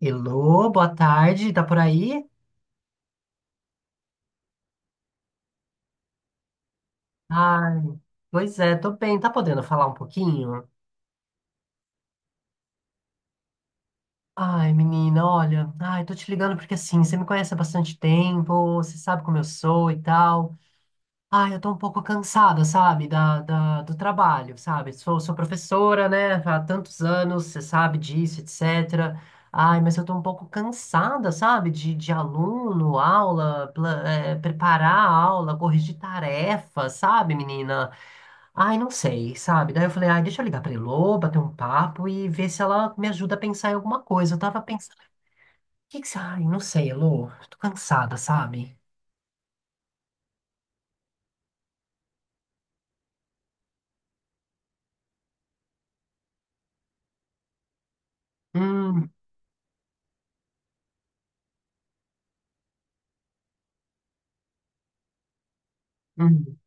Elô, boa tarde, tá por aí? Ai, pois é, tô bem, tá podendo falar um pouquinho? Ai, menina, olha, ai, tô te ligando porque assim, você me conhece há bastante tempo, você sabe como eu sou e tal. Ai, eu tô um pouco cansada, sabe, do trabalho, sabe? Sou professora, né, há tantos anos, você sabe disso, etc. Ai, mas eu tô um pouco cansada, sabe, de aluno, aula, preparar a aula, corrigir tarefa, sabe, menina? Ai, não sei, sabe? Daí eu falei, ai, deixa eu ligar pra Elô, bater um papo e ver se ela me ajuda a pensar em alguma coisa. Eu tava pensando, o que que você... Ai, não sei, Elô, tô cansada, sabe? Hum, hum.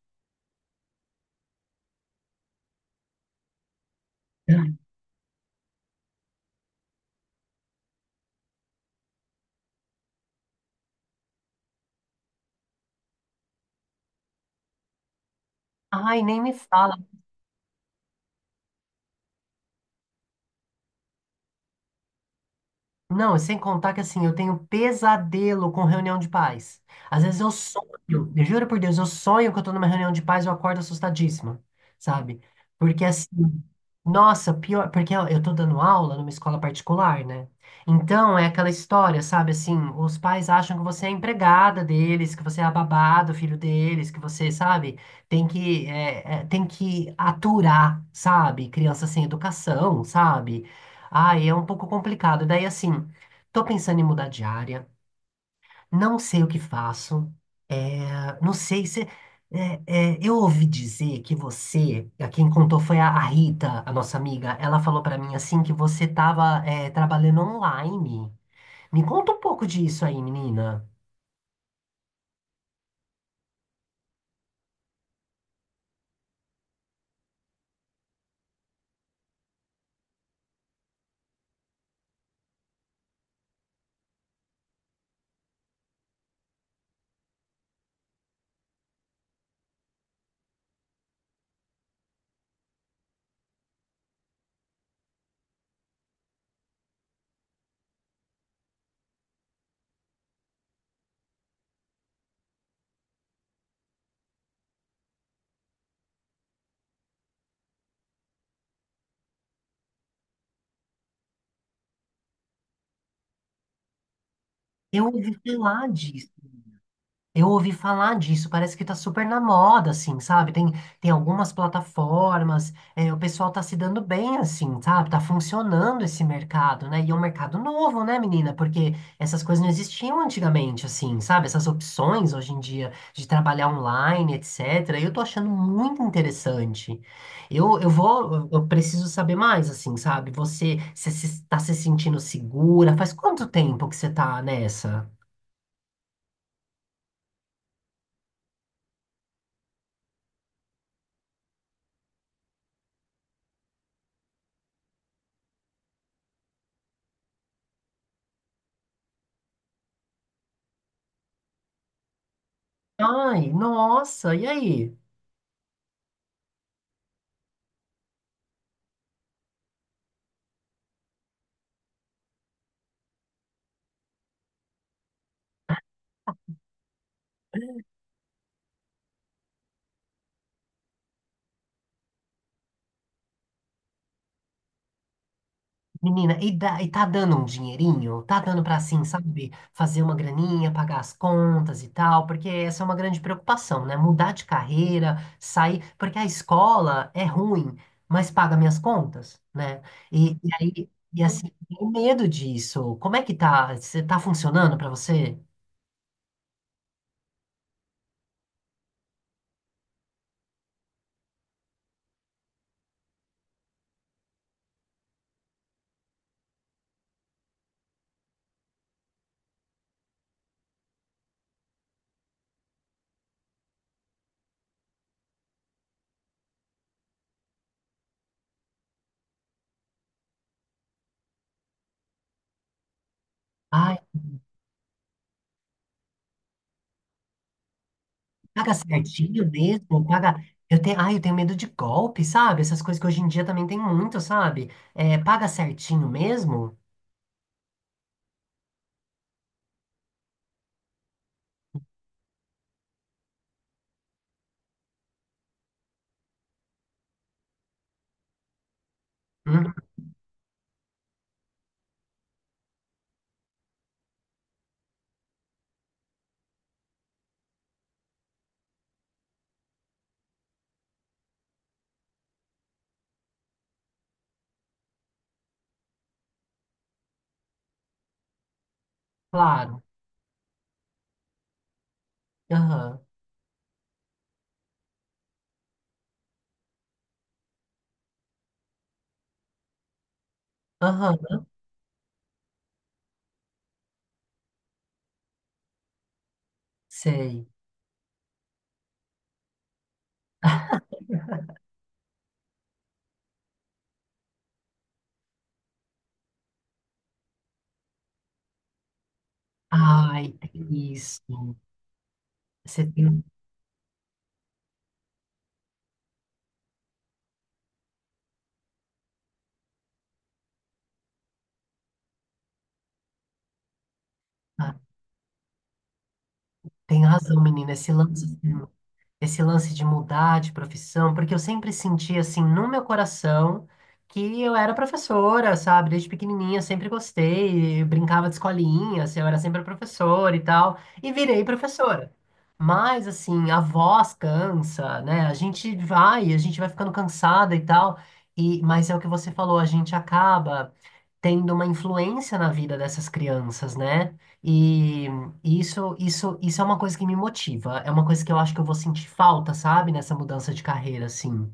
Ai, nem me fala. Não, sem contar que assim, eu tenho pesadelo com reunião de paz. Às vezes eu sonho, eu juro por Deus, eu sonho que eu tô numa reunião de paz e eu acordo assustadíssima, sabe? Porque assim, nossa, pior, porque eu tô dando aula numa escola particular, né? Então é aquela história, sabe? Assim, os pais acham que você é a empregada deles, que você é a babá do filho deles, que você, sabe, tem que aturar, sabe? Criança sem educação, sabe? Ah, é um pouco complicado. Daí, assim, tô pensando em mudar de área, não sei o que faço, é, não sei se. Eu ouvi dizer que você, a quem contou foi a Rita, a nossa amiga, ela falou pra mim assim que você tava trabalhando online. Me conta um pouco disso aí, menina. Eu ouvi falar disso. Eu ouvi falar disso, parece que tá super na moda, assim, sabe? Tem algumas plataformas, o pessoal tá se dando bem, assim, sabe? Tá funcionando esse mercado, né? E é um mercado novo, né, menina? Porque essas coisas não existiam antigamente, assim, sabe? Essas opções hoje em dia de trabalhar online, etc. Eu tô achando muito interessante. Eu vou, eu preciso saber mais, assim, sabe? Você tá se sentindo segura? Faz quanto tempo que você tá nessa? Ai, nossa, e aí? Menina, e tá dando um dinheirinho? Tá dando pra, assim, sabe, fazer uma graninha, pagar as contas e tal, porque essa é uma grande preocupação, né? Mudar de carreira, sair, porque a escola é ruim, mas paga minhas contas, né? E aí, e assim, tenho medo disso. Como é que tá? Você tá funcionando pra você? Ai, paga certinho mesmo, paga. Eu tenho, ai, eu tenho medo de golpe, sabe? Essas coisas que hoje em dia também tem muito, sabe? É, paga certinho mesmo? Hum, claro. Aham, aham, sei. Ai, tem isso. Você tem, ah, tem razão, menina. Esse lance. Esse lance de mudar de profissão, porque eu sempre senti assim no meu coração que eu era professora, sabe? Desde pequenininha sempre gostei, eu brincava de escolinha, assim, eu era sempre professora e tal, e virei professora. Mas assim, a voz cansa, né? A gente vai ficando cansada e tal. E mas é o que você falou, a gente acaba tendo uma influência na vida dessas crianças, né? E isso é uma coisa que me motiva. É uma coisa que eu acho que eu vou sentir falta, sabe? Nessa mudança de carreira, assim.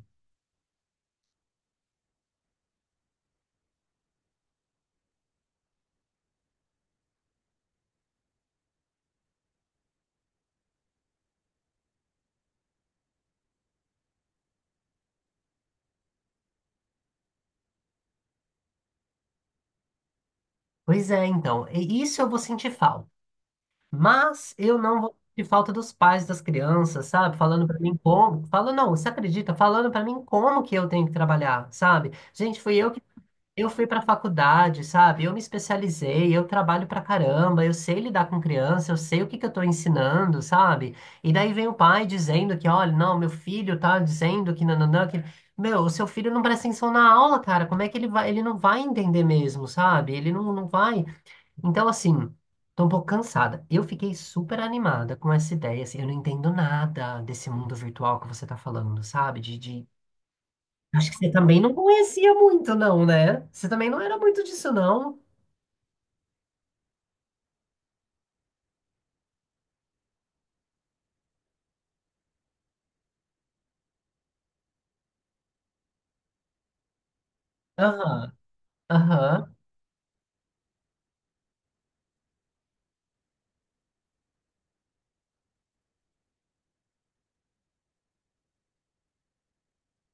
Pois é, então. E isso eu vou sentir falta. Mas eu não vou sentir falta dos pais das crianças, sabe? Falando pra mim como. Falando, não, você acredita? Falando pra mim como que eu tenho que trabalhar, sabe? Gente, fui eu que eu fui para faculdade, sabe? Eu me especializei, eu trabalho pra caramba, eu sei lidar com criança, eu sei o que que eu tô ensinando, sabe? E daí vem o pai dizendo que, olha, não, meu filho tá dizendo que nananã, que... Meu, o seu filho não presta atenção na aula, cara. Como é que ele vai? Ele não vai entender mesmo, sabe? Ele não, não vai. Então, assim, tô um pouco cansada. Eu fiquei super animada com essa ideia, assim, eu não entendo nada desse mundo virtual que você tá falando, sabe? De Acho que você também não conhecia muito, não, né? Você também não era muito disso, não. Aham, aham.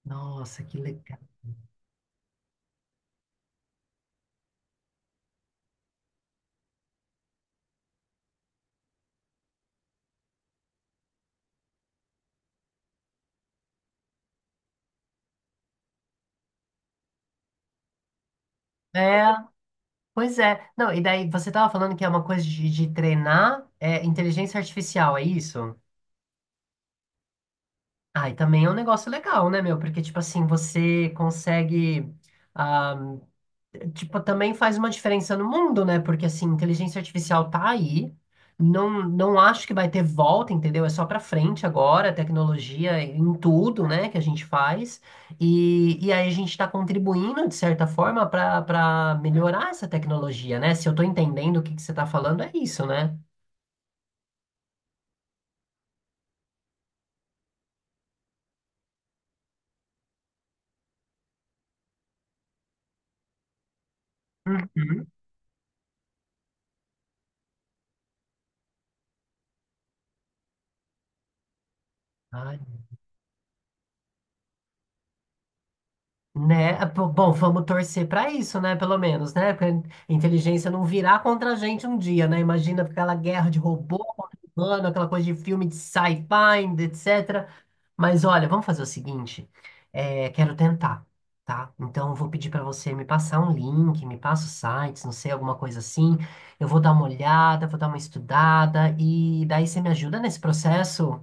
Nossa, que legal. É, pois é. Não, e daí você tava falando que é uma coisa de treinar inteligência artificial, é isso? Ah, e também é um negócio legal, né, meu? Porque, tipo assim, você consegue. Ah, tipo, também faz uma diferença no mundo, né? Porque assim, inteligência artificial tá aí. Não, não acho que vai ter volta, entendeu? É só pra frente agora, tecnologia em tudo, né, que a gente faz. E aí a gente está contribuindo, de certa forma, para melhorar essa tecnologia, né? Se eu tô entendendo o que que você tá falando, é isso, né? Uhum. Ah, né? Ah, pô, bom, vamos torcer para isso, né? Pelo menos, né? Pra inteligência não virar contra a gente um dia, né? Imagina aquela guerra de robô contra humano, aquela coisa de filme de sci-fi, etc. Mas olha, vamos fazer o seguinte: é, quero tentar, tá? Então eu vou pedir para você me passar um link, me passa os sites, não sei, alguma coisa assim. Eu vou dar uma olhada, vou dar uma estudada e daí você me ajuda nesse processo?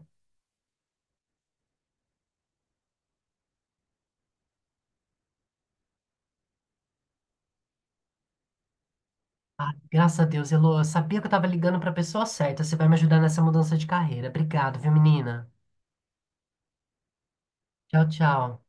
Ah, graças a Deus, Elô. Eu sabia que eu tava ligando pra pessoa certa. Você vai me ajudar nessa mudança de carreira. Obrigado, viu, menina? Tchau, tchau.